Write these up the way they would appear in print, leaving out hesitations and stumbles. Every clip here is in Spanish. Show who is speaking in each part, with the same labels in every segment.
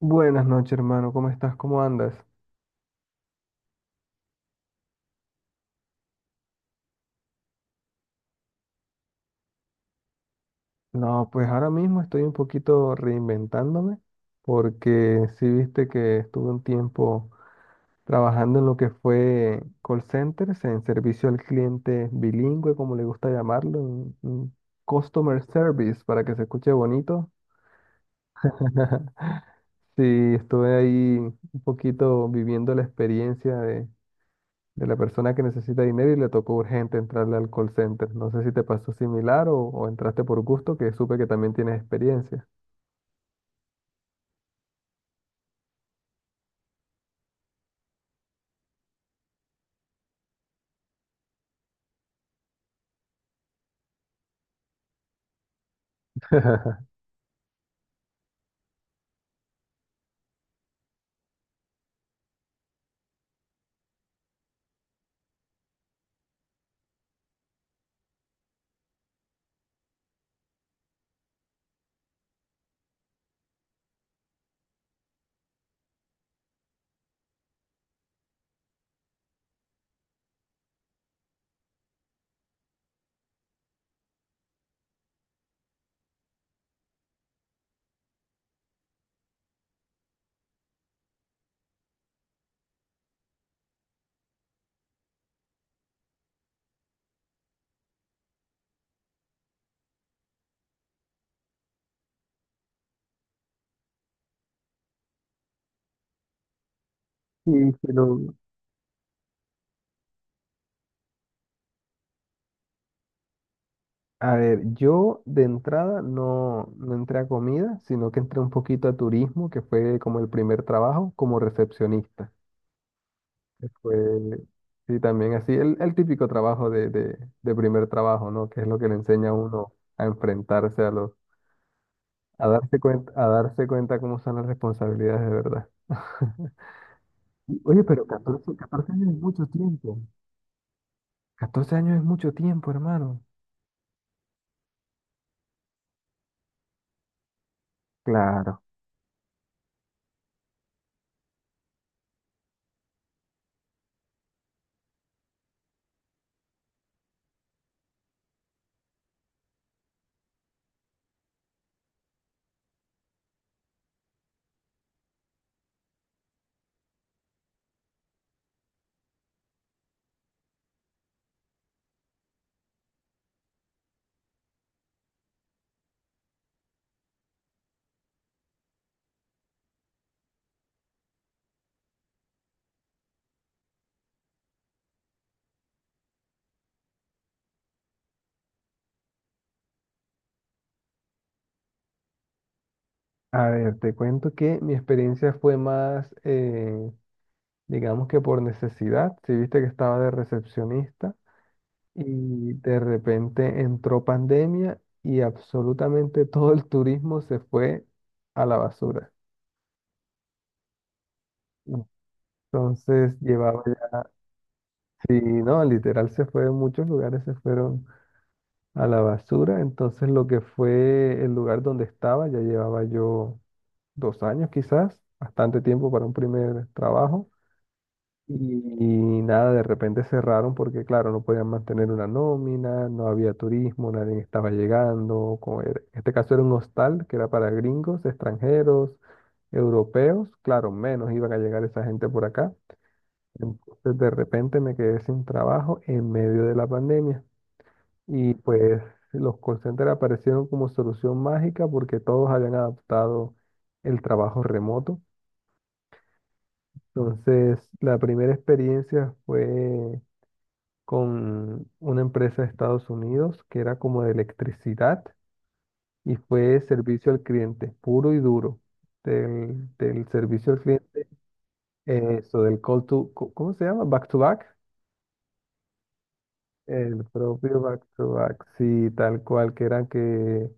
Speaker 1: Buenas noches, hermano. ¿Cómo estás? ¿Cómo andas? No, pues ahora mismo estoy un poquito reinventándome porque sí viste que estuve un tiempo trabajando en lo que fue call centers, en servicio al cliente bilingüe, como le gusta llamarlo, en customer service, para que se escuche bonito. Sí, estuve ahí un poquito viviendo la experiencia de la persona que necesita dinero y le tocó urgente entrarle al call center. No sé si te pasó similar o entraste por gusto, que supe que también tienes experiencia. Sí, pero a ver, yo de entrada no entré a comida, sino que entré un poquito a turismo, que fue como el primer trabajo como recepcionista. que Fue, sí, también así, el típico trabajo de primer trabajo, ¿no? Que es lo que le enseña a uno a enfrentarse a los, a darse cuenta cómo son las responsabilidades de verdad. Oye, pero 14 años es mucho tiempo. 14 años es mucho tiempo, hermano. Claro. A ver, te cuento que mi experiencia fue más, digamos que por necesidad. Si viste que estaba de recepcionista y de repente entró pandemia y absolutamente todo el turismo se fue a la basura. Entonces llevaba ya, sí, no, literal se fue, muchos lugares se fueron a la basura. Entonces lo que fue el lugar donde estaba, ya llevaba yo 2 años quizás, bastante tiempo para un primer trabajo. Y nada, de repente cerraron porque claro, no podían mantener una nómina, no había turismo, nadie estaba llegando. En este caso era un hostal que era para gringos, extranjeros, europeos. Claro, menos iban a llegar esa gente por acá. Entonces de repente me quedé sin trabajo en medio de la pandemia. Y pues los call centers aparecieron como solución mágica porque todos habían adaptado el trabajo remoto. Entonces, la primera experiencia fue con una empresa de Estados Unidos que era como de electricidad y fue servicio al cliente, puro y duro, del servicio al cliente, eso, del call to, co- ¿cómo se llama? Back to back. El propio back to back, sí, tal cual, que eran que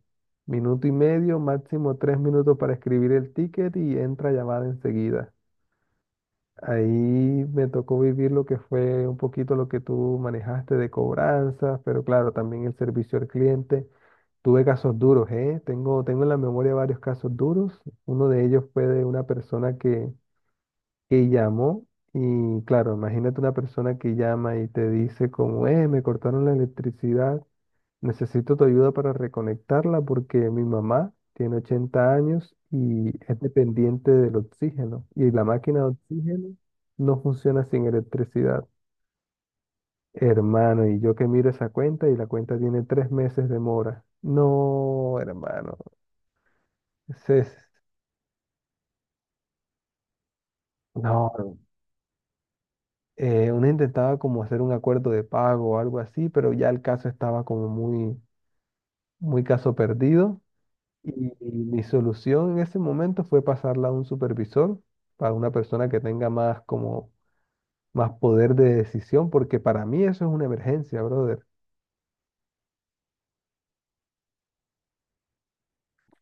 Speaker 1: 1 minuto y medio, máximo 3 minutos para escribir el ticket y entra llamada enseguida. Ahí me tocó vivir lo que fue un poquito lo que tú manejaste de cobranzas, pero claro, también el servicio al cliente. Tuve casos duros, ¿eh? Tengo en la memoria varios casos duros. Uno de ellos fue de una persona que llamó y claro, imagínate una persona que llama y te dice como, me cortaron la electricidad. Necesito tu ayuda para reconectarla porque mi mamá tiene 80 años y es dependiente del oxígeno. Y la máquina de oxígeno no funciona sin electricidad. Hermano, y yo que miro esa cuenta y la cuenta tiene 3 meses de mora. No, hermano. Ese es- no. Uno intentaba como hacer un acuerdo de pago o algo así, pero ya el caso estaba como muy, muy caso perdido. Y mi solución en ese momento fue pasarla a un supervisor, para una persona que tenga más como más poder de decisión, porque para mí eso es una emergencia, brother.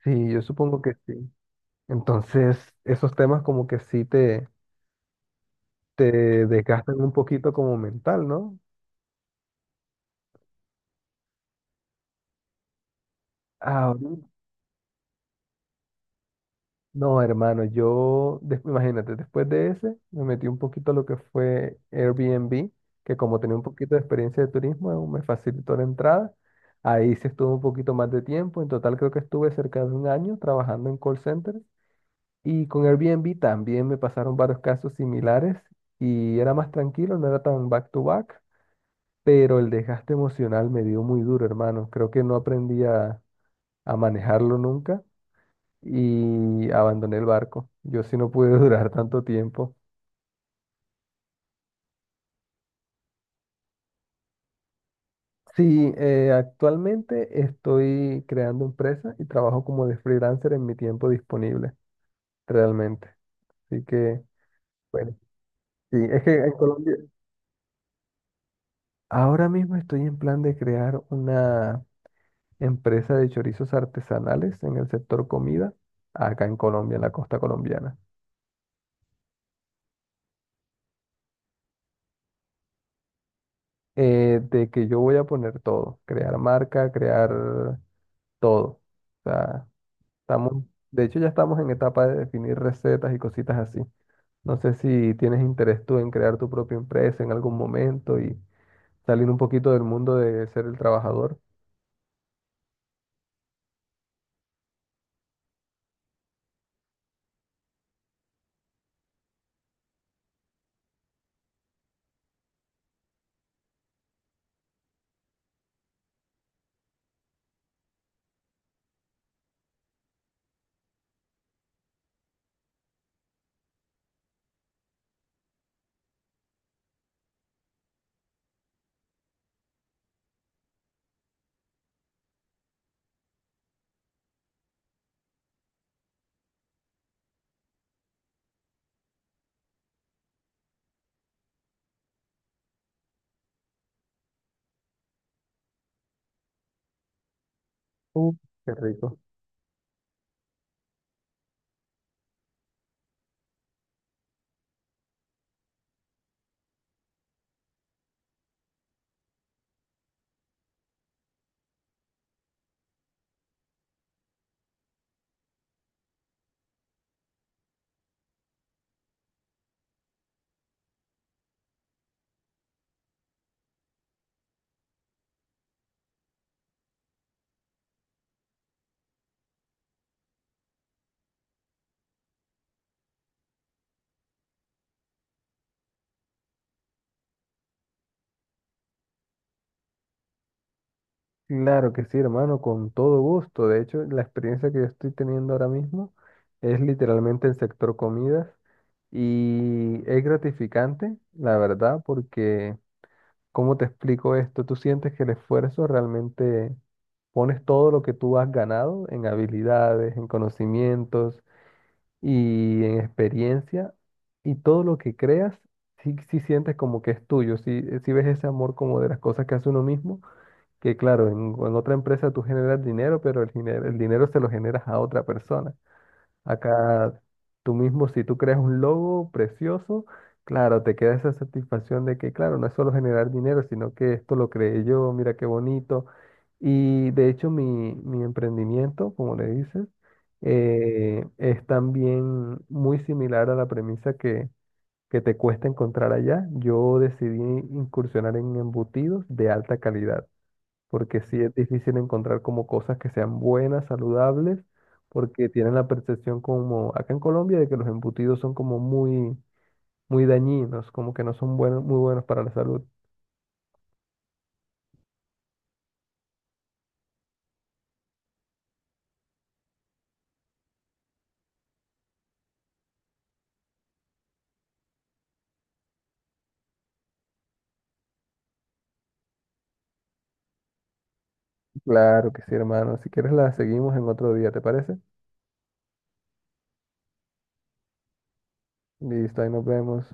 Speaker 1: Sí, yo supongo que sí. Entonces, esos temas como que sí te desgastan un poquito como mental, ¿no? Ahorita. No, hermano, imagínate, después de ese, me metí un poquito a lo que fue Airbnb, que como tenía un poquito de experiencia de turismo, me facilitó la entrada. Ahí sí estuve un poquito más de tiempo. En total creo que estuve cerca de 1 año trabajando en call center. Y con Airbnb también me pasaron varios casos similares y era más tranquilo, no era tan back to back, pero el desgaste emocional me dio muy duro, hermano. Creo que no aprendí a manejarlo nunca y abandoné el barco. Yo sí no pude durar tanto tiempo. Sí, actualmente estoy creando empresa y trabajo como de freelancer en mi tiempo disponible, realmente. Así que, bueno, sí, es que en Colombia ahora mismo estoy en plan de crear una empresa de chorizos artesanales en el sector comida, acá en Colombia, en la costa colombiana. De que yo voy a poner todo, crear marca, crear todo. O sea, Estamos, de hecho, ya estamos en etapa de definir recetas y cositas así. No sé si tienes interés tú en crear tu propia empresa en algún momento y salir un poquito del mundo de ser el trabajador. Uh, qué rico. Claro que sí, hermano, con todo gusto. De hecho, la experiencia que yo estoy teniendo ahora mismo es literalmente el sector comidas y es gratificante, la verdad, porque ¿cómo te explico esto? Tú sientes que el esfuerzo realmente pones todo lo que tú has ganado en habilidades, en conocimientos y en experiencia y todo lo que creas, sí, sí sientes como que es tuyo, sí, sí ves ese amor como de las cosas que hace uno mismo, que claro, en otra empresa tú generas dinero, pero el dinero se lo generas a otra persona. Acá tú mismo, si tú creas un logo precioso, claro, te queda esa satisfacción de que, claro, no es solo generar dinero, sino que esto lo creé yo, mira qué bonito. Y de hecho mi emprendimiento, como le dices, es también muy similar a la premisa que te cuesta encontrar allá. Yo decidí incursionar en embutidos de alta calidad porque sí es difícil encontrar como cosas que sean buenas, saludables, porque tienen la percepción como acá en Colombia de que los embutidos son como muy, muy dañinos, como que no son buenos, muy buenos para la salud. Claro que sí, hermano. Si quieres la seguimos en otro día, ¿te parece? Listo, ahí nos vemos.